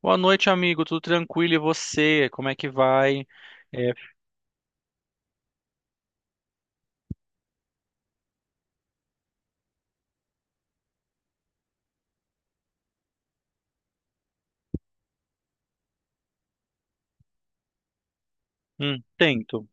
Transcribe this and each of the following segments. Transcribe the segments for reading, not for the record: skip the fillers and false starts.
Boa noite, amigo. Tudo tranquilo? E você? Como é que vai? É, tento.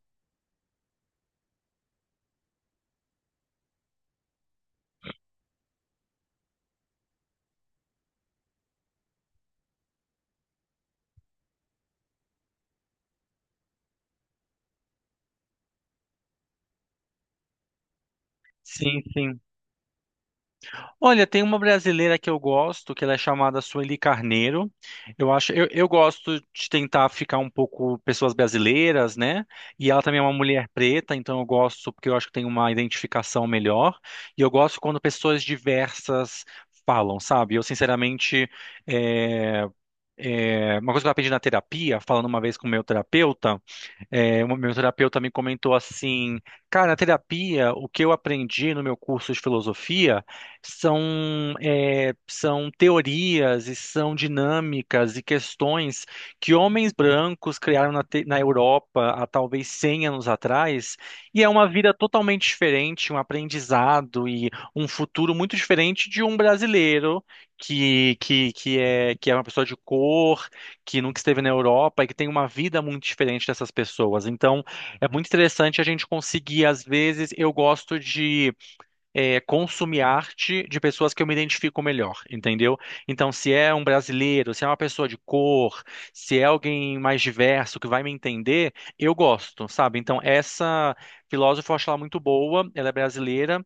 Sim, sim. Olha, tem uma brasileira que eu gosto, que ela é chamada Sueli Carneiro. Eu gosto de tentar ficar um pouco pessoas brasileiras, né? E ela também é uma mulher preta, então eu gosto porque eu acho que tem uma identificação melhor. E eu gosto quando pessoas diversas falam, sabe? Sinceramente, é, uma coisa que eu aprendi na terapia, falando uma vez com o meu terapeuta. O meu terapeuta me comentou assim, cara, na terapia, o que eu aprendi no meu curso de filosofia são, são teorias e são dinâmicas e questões que homens brancos criaram na Europa há talvez 100 anos atrás, e é uma vida totalmente diferente, um aprendizado e um futuro muito diferente de um brasileiro que é uma pessoa de cor que nunca esteve na Europa e que tem uma vida muito diferente dessas pessoas. Então, é muito interessante a gente conseguir, às vezes, eu gosto de consumir arte de pessoas que eu me identifico melhor, entendeu? Então, se é um brasileiro, se é uma pessoa de cor, se é alguém mais diverso que vai me entender, eu gosto, sabe? Então, essa filósofa eu acho ela muito boa, ela é brasileira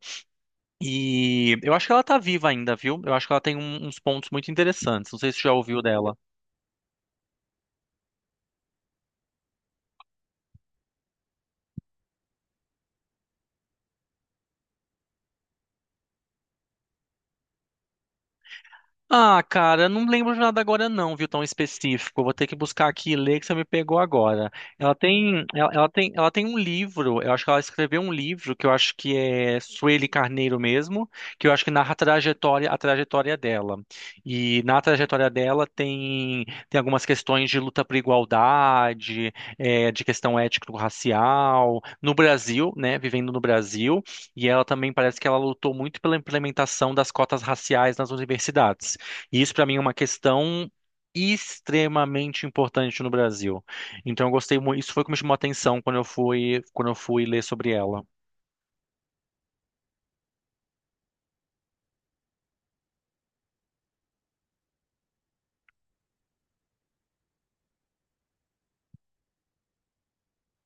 e eu acho que ela tá viva ainda, viu? Eu acho que ela tem uns pontos muito interessantes. Não sei se você já ouviu dela. Ah, cara, eu não lembro de nada agora não, viu, tão específico. Eu vou ter que buscar aqui e ler que você me pegou agora. Ela tem um livro, eu acho que ela escreveu um livro que eu acho que é Sueli Carneiro mesmo, que eu acho que narra a trajetória dela. E na trajetória dela tem algumas questões de luta por igualdade, de questão étnico-racial, no Brasil, né, vivendo no Brasil, e ela também parece que ela lutou muito pela implementação das cotas raciais nas universidades. E isso para mim é uma questão extremamente importante no Brasil. Então eu gostei muito, isso foi o que me chamou a atenção quando eu fui ler sobre ela.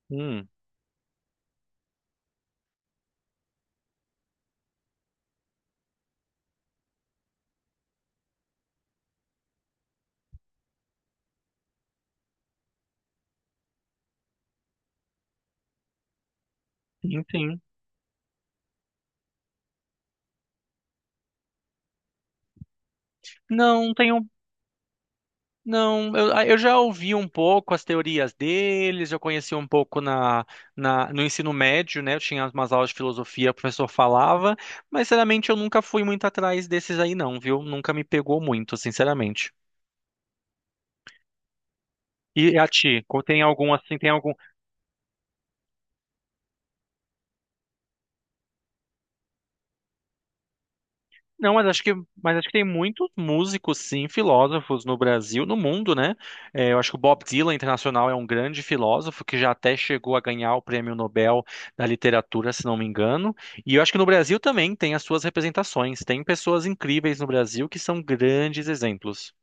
Hum, sim, sim. Não tenho, não, eu, eu já ouvi um pouco as teorias deles, eu conheci um pouco na, na no ensino médio, né? Eu tinha umas aulas de filosofia, o professor falava, mas sinceramente eu nunca fui muito atrás desses aí não, viu? Nunca me pegou muito, sinceramente. E a ti, tem algum assim, tem algum. Não, mas acho que tem muitos músicos, sim, filósofos no Brasil, no mundo, né? Eu acho que o Bob Dylan internacional é um grande filósofo que já até chegou a ganhar o Prêmio Nobel da Literatura, se não me engano. E eu acho que no Brasil também tem as suas representações. Tem pessoas incríveis no Brasil que são grandes exemplos.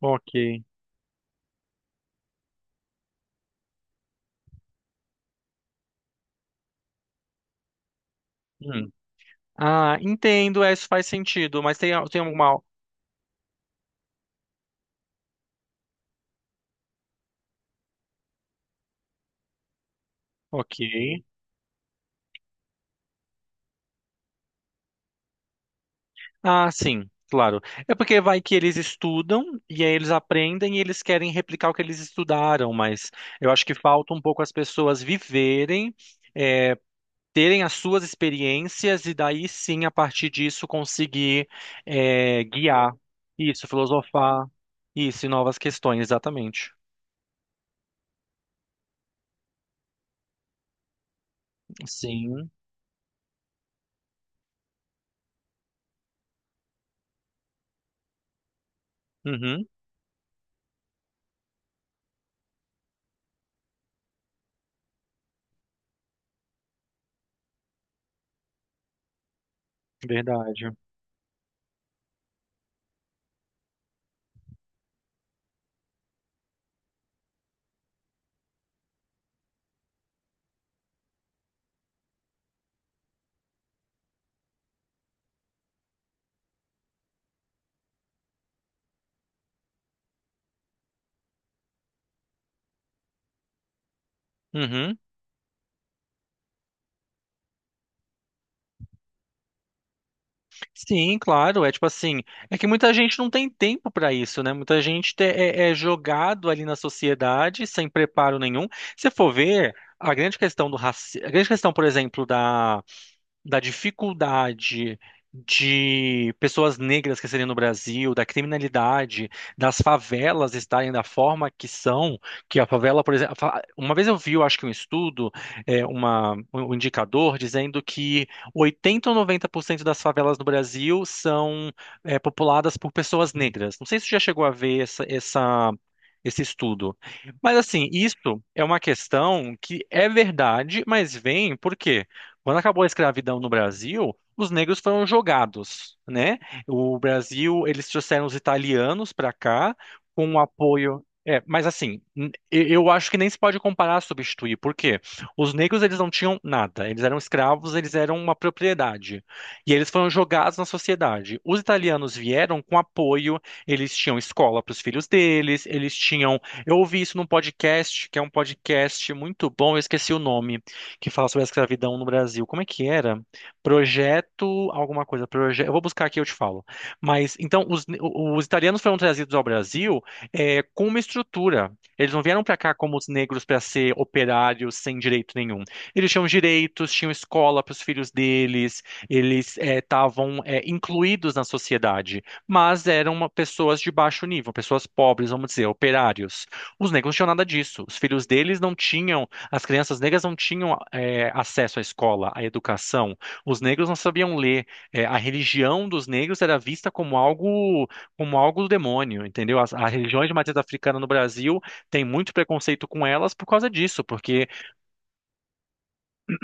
Ok. Hum. Ah, entendo, é, isso faz sentido, mas tem, tem alguma. Ok. Ah, sim, claro. É porque vai que eles estudam e aí eles aprendem e eles querem replicar o que eles estudaram, mas eu acho que falta um pouco as pessoas viverem, é, terem as suas experiências e daí sim, a partir disso, guiar isso, filosofar isso e novas questões, exatamente. Sim, uhum, verdade. Uhum. Sim, claro, é tipo assim, é que muita gente não tem tempo para isso, né? Muita gente é jogado ali na sociedade sem preparo nenhum. Se for ver, a grande questão do racismo, a grande questão, por exemplo, da dificuldade de pessoas negras crescerem no Brasil, da criminalidade, das favelas estarem da forma que são, que a favela, por exemplo, uma vez eu vi, eu acho que um estudo, é, uma, um um indicador dizendo que 80 ou 90% das favelas no Brasil são, populadas por pessoas negras. Não sei se você já chegou a ver esse estudo. Mas assim, isso é uma questão que é verdade, mas vem por quê? Quando acabou a escravidão no Brasil, os negros foram jogados, né? O Brasil, eles trouxeram os italianos para cá com o apoio. É, mas assim, eu acho que nem se pode comparar a substituir, porque os negros eles não tinham nada, eles eram escravos, eles eram uma propriedade e eles foram jogados na sociedade. Os italianos vieram com apoio, eles tinham escola para os filhos deles, eles tinham. Eu ouvi isso num podcast que é um podcast muito bom, eu esqueci o nome que fala sobre a escravidão no Brasil. Como é que era? Projeto alguma coisa, projeto. Eu vou buscar aqui e eu te falo. Mas então os italianos foram trazidos ao Brasil com uma estrutura. Eles não vieram para cá como os negros para ser operários sem direito nenhum. Eles tinham direitos, tinham escola para os filhos deles, eles estavam incluídos na sociedade, mas eram pessoas de baixo nível, pessoas pobres, vamos dizer, operários. Os negros não tinham nada disso. Os filhos deles não tinham. As crianças negras não tinham acesso à escola, à educação. Os negros não sabiam ler. A religião dos negros era vista como algo do demônio, entendeu? As religiões de matriz africana no Brasil têm muito preconceito com elas por causa disso, porque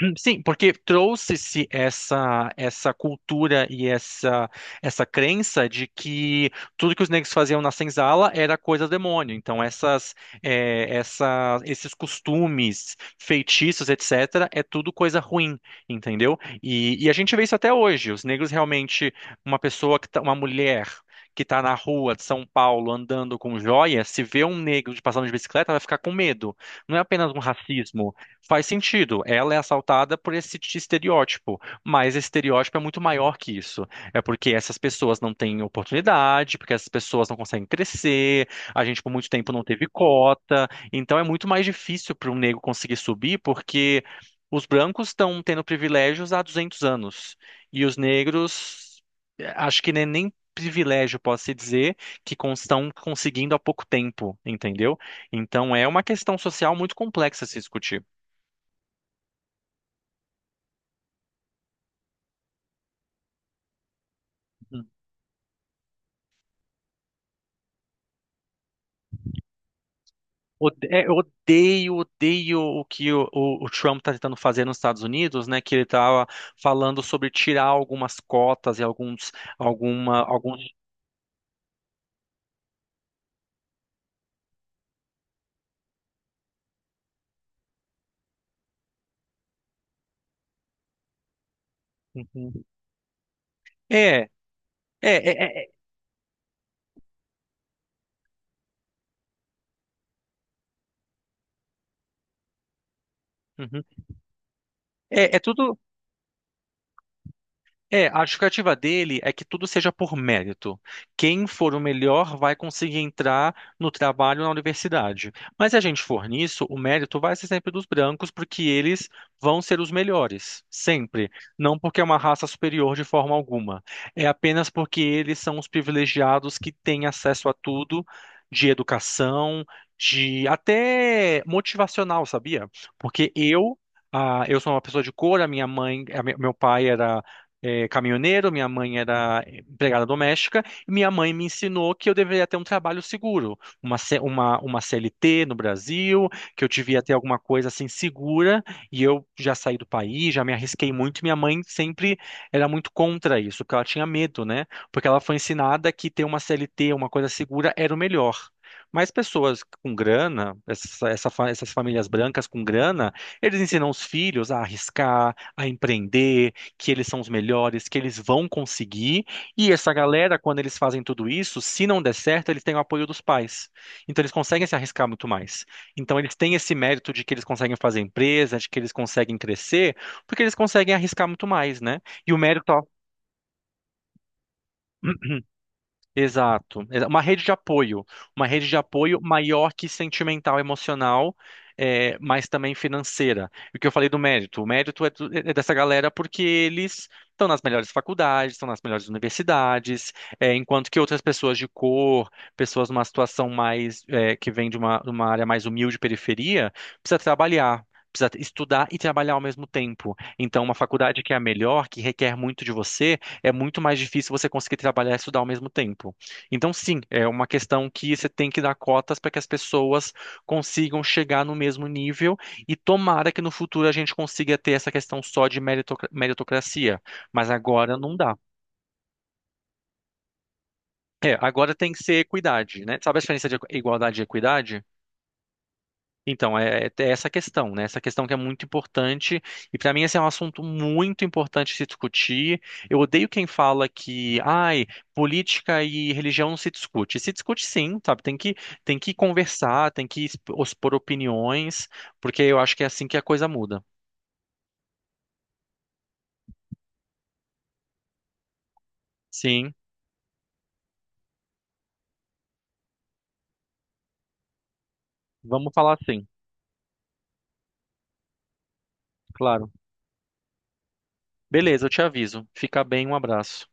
hum, sim, porque trouxe-se essa cultura e essa crença de que tudo que os negros faziam na senzala era coisa do demônio. Então essas eh, essa esses costumes, feitiços, etc, é tudo coisa ruim, entendeu? E a gente vê isso até hoje. Os negros realmente uma pessoa que tá, uma mulher que está na rua de São Paulo andando com joia, se vê um negro de passando de bicicleta, vai ficar com medo. Não é apenas um racismo. Faz sentido. Ela é assaltada por esse estereótipo, mas esse estereótipo é muito maior que isso. É porque essas pessoas não têm oportunidade, porque essas pessoas não conseguem crescer, a gente por muito tempo não teve cota, então é muito mais difícil para um negro conseguir subir, porque os brancos estão tendo privilégios há 200 anos e os negros, acho que nem privilégio posso se dizer que estão conseguindo há pouco tempo, entendeu? Então é uma questão social muito complexa a se discutir. Eu odeio, odeio o que o Trump está tentando fazer nos Estados Unidos, né? Que ele estava falando sobre tirar algumas cotas e alguns. Uhum. É, é, é, é, é, uhum. É, é tudo. É, a justificativa dele é que tudo seja por mérito. Quem for o melhor vai conseguir entrar no trabalho na universidade. Mas se a gente for nisso, o mérito vai ser sempre dos brancos, porque eles vão ser os melhores, sempre. Não porque é uma raça superior de forma alguma. É apenas porque eles são os privilegiados que têm acesso a tudo, de educação, de até motivacional, sabia? Porque eu sou uma pessoa de cor, a minha mãe, a me- meu pai era caminhoneiro, minha mãe era empregada doméstica, e minha mãe me ensinou que eu deveria ter um trabalho seguro, uma CLT no Brasil, que eu devia ter alguma coisa assim segura, e eu já saí do país, já me arrisquei muito, e minha mãe sempre era muito contra isso, porque ela tinha medo, né? Porque ela foi ensinada que ter uma CLT, uma coisa segura, era o melhor. Mas pessoas com grana, essas famílias brancas com grana, eles ensinam os filhos a arriscar, a empreender, que eles são os melhores, que eles vão conseguir. E essa galera, quando eles fazem tudo isso, se não der certo, eles têm o apoio dos pais. Então eles conseguem se arriscar muito mais. Então eles têm esse mérito de que eles conseguem fazer empresa, de que eles conseguem crescer, porque eles conseguem arriscar muito mais, né? E o mérito, ó, exato. Uma rede de apoio. Uma rede de apoio maior que sentimental, emocional, mas também financeira. E o que eu falei do mérito? O mérito é dessa galera porque eles estão nas melhores faculdades, estão nas melhores universidades, enquanto que outras pessoas de cor, pessoas numa situação mais, que vem de de uma área mais humilde, periferia, precisa trabalhar. Precisa estudar e trabalhar ao mesmo tempo. Então, uma faculdade que é a melhor, que requer muito de você, é muito mais difícil você conseguir trabalhar e estudar ao mesmo tempo. Então, sim, é uma questão que você tem que dar cotas para que as pessoas consigam chegar no mesmo nível e tomara que no futuro a gente consiga ter essa questão só de meritocracia. Mas agora não dá. É, agora tem que ser equidade, né? Sabe a diferença de igualdade e equidade? Então, é essa questão, né? Essa questão que é muito importante. E para mim, esse é um assunto muito importante se discutir. Eu odeio quem fala que, ai, política e religião não se discute. Se discute sim, sabe? Tem que conversar, tem que expor opiniões, porque eu acho que é assim que a coisa muda. Sim, vamos falar sim, claro. Beleza, eu te aviso. Fica bem, um abraço.